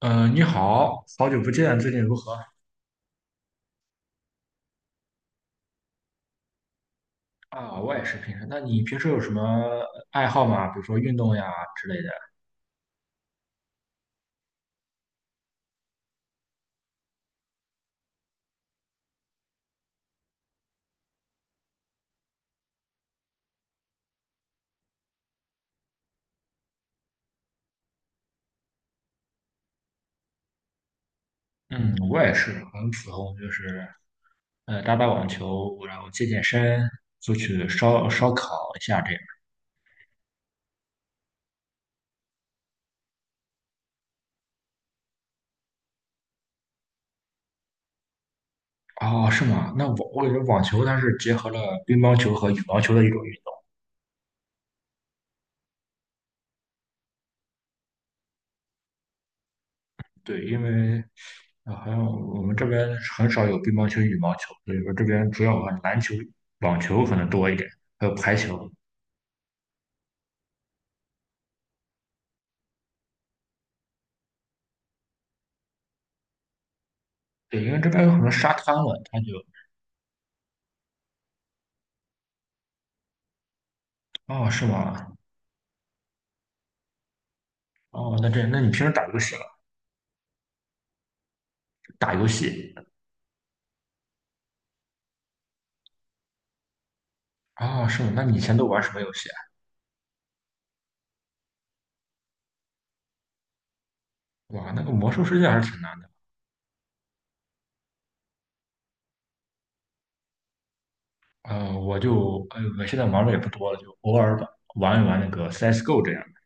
你好，好久不见，最近如何？啊，我也是平时。那你平时有什么爱好吗？比如说运动呀之类的。嗯，我也是很普通，就是打打网球，然后健健身，出去烧烧烤一下这样。哦，是吗？那我感觉网球它是结合了乒乓球和羽毛球的一种运动。对，因为啊，好像我们这边很少有乒乓球、羽毛球，所以说这边主要玩篮球、网球可能多一点，还有排球。对，因为这边有很多沙滩了，哦，是吗？哦，那你平时打游戏了？打游戏？哦，是吗？那你以前都玩什么游戏啊？哇，那个魔兽世界还是挺难的。我现在玩的也不多了，就偶尔玩玩一玩那个 CS:GO 这样的。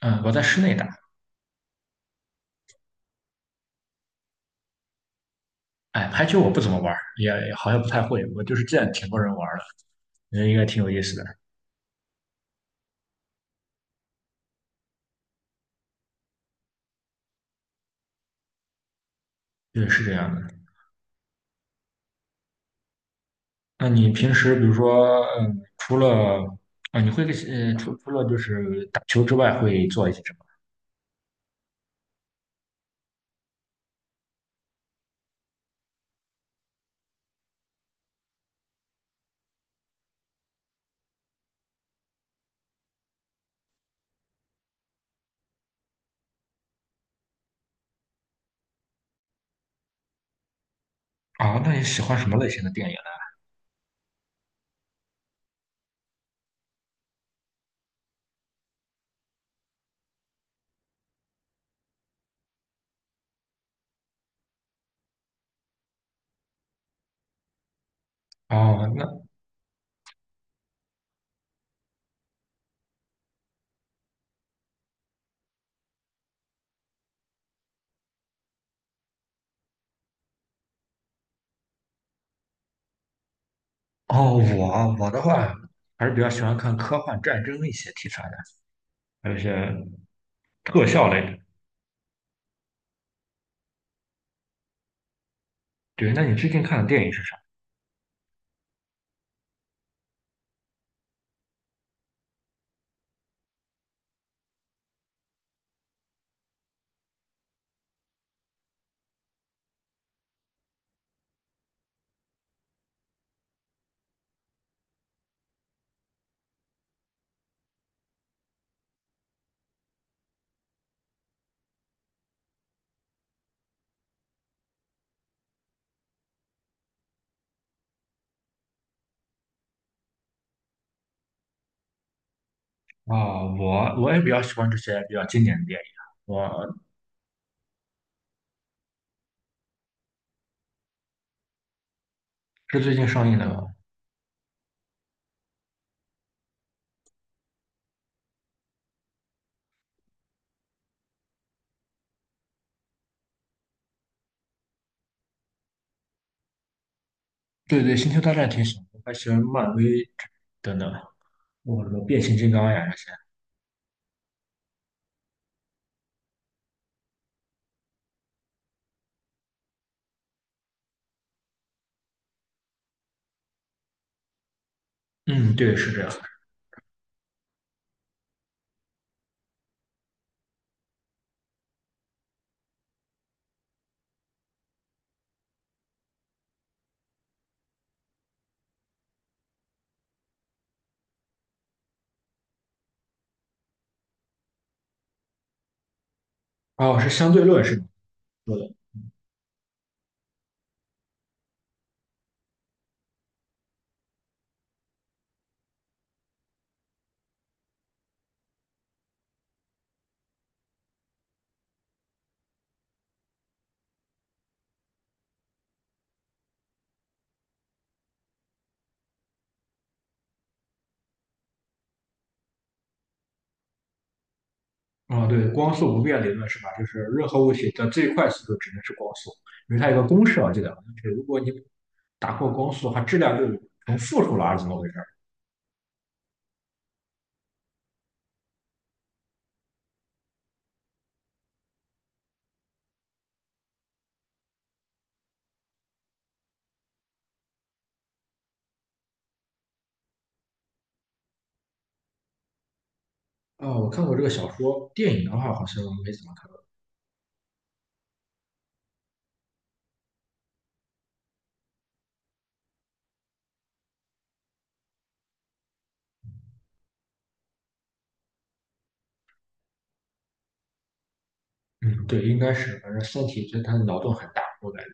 嗯，我在室内打。哎，排球我不怎么玩，也好像不太会。我就是见挺多人玩的，觉得应该挺有意思的。对，是这样的。那你平时比如说，除了啊，你会呃，除除了就是打球之外，会做一些什么？啊，那你喜欢什么类型的电影呢？哦，我的话还是比较喜欢看科幻、战争一些题材的，还有一些特效类的。对，那你最近看的电影是啥？啊、我也比较喜欢这些比较经典的电影啊。我是最近上映的，吗？对对，《星球大战》挺喜欢，我还喜欢漫威等等，我什么变形金刚呀这些。嗯，对，是这样。哦，是相对论是说的。啊，对，光速不变理论是吧？就是任何物体的最快速度只能是光速，因为它有个公式啊我记得好像是，如果你打破光速的话，质量就成负数了，还是怎么回事儿啊，我看过这个小说，电影的话好像没怎么看过。嗯，对，应该是，反正《三体》它的脑洞很大，我感觉。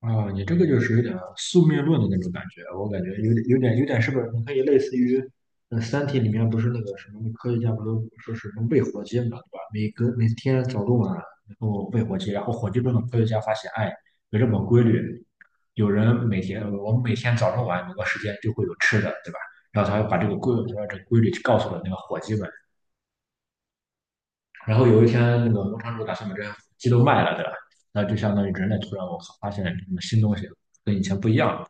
啊，你这个就是有点宿命论的那种感觉，我感觉有点，是不是？你可以类似于，《三体》里面不是那个什么科学家不都说是能喂火鸡嘛，对吧？每天早中晚，然后喂火鸡，然后火鸡中的科学家发现，哎，有这么个规律，有人每天，我们每天早中晚某个时间就会有吃的，对吧？然后他把这个规律告诉了那个火鸡们，然后有一天那个农场主打算把这些鸡都卖了，对吧？那就相当于人类突然我靠发现了什么新东西，跟以前不一样了。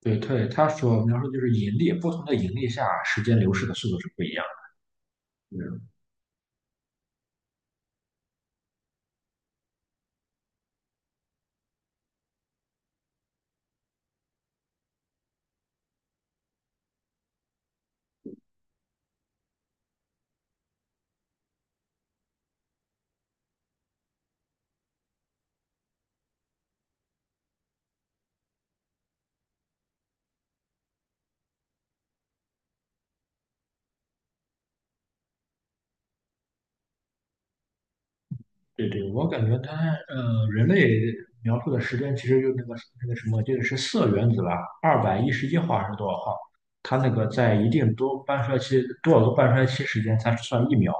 对对，他所描述就是引力，不同的引力下，时间流逝的速度是不一样的。嗯对对，我感觉人类描述的时间其实就那个什么，就是铯原子吧，211号还是多少号？它那个在一定多半衰期多少个半衰期时间才算一秒？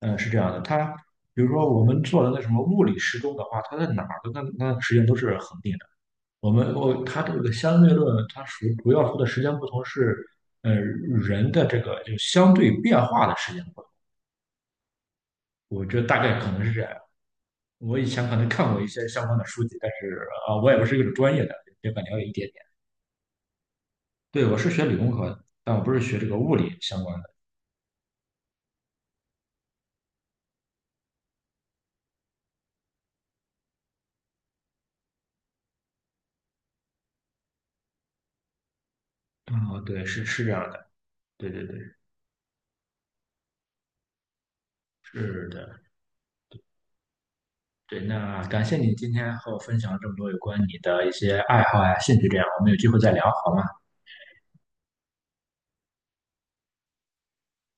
嗯，是这样的。它比如说我们做的那什么物理时钟的话，它在哪儿的那个时间都是恒定的。我们我它这个相对论，它属于主要说的时间不同是，人的这个就相对变化的时间不同。我觉得大概可能是这样。我以前可能看过一些相关的书籍，但是我也不是一个专业的，也敢了解一点点。对，我是学理工科的，但我不是学这个物理相关的。哦，对，是这样的。对对对，是的，对。那感谢你今天和我分享了这么多有关你的一些爱好呀、兴趣，这样我们有机会再聊好吗？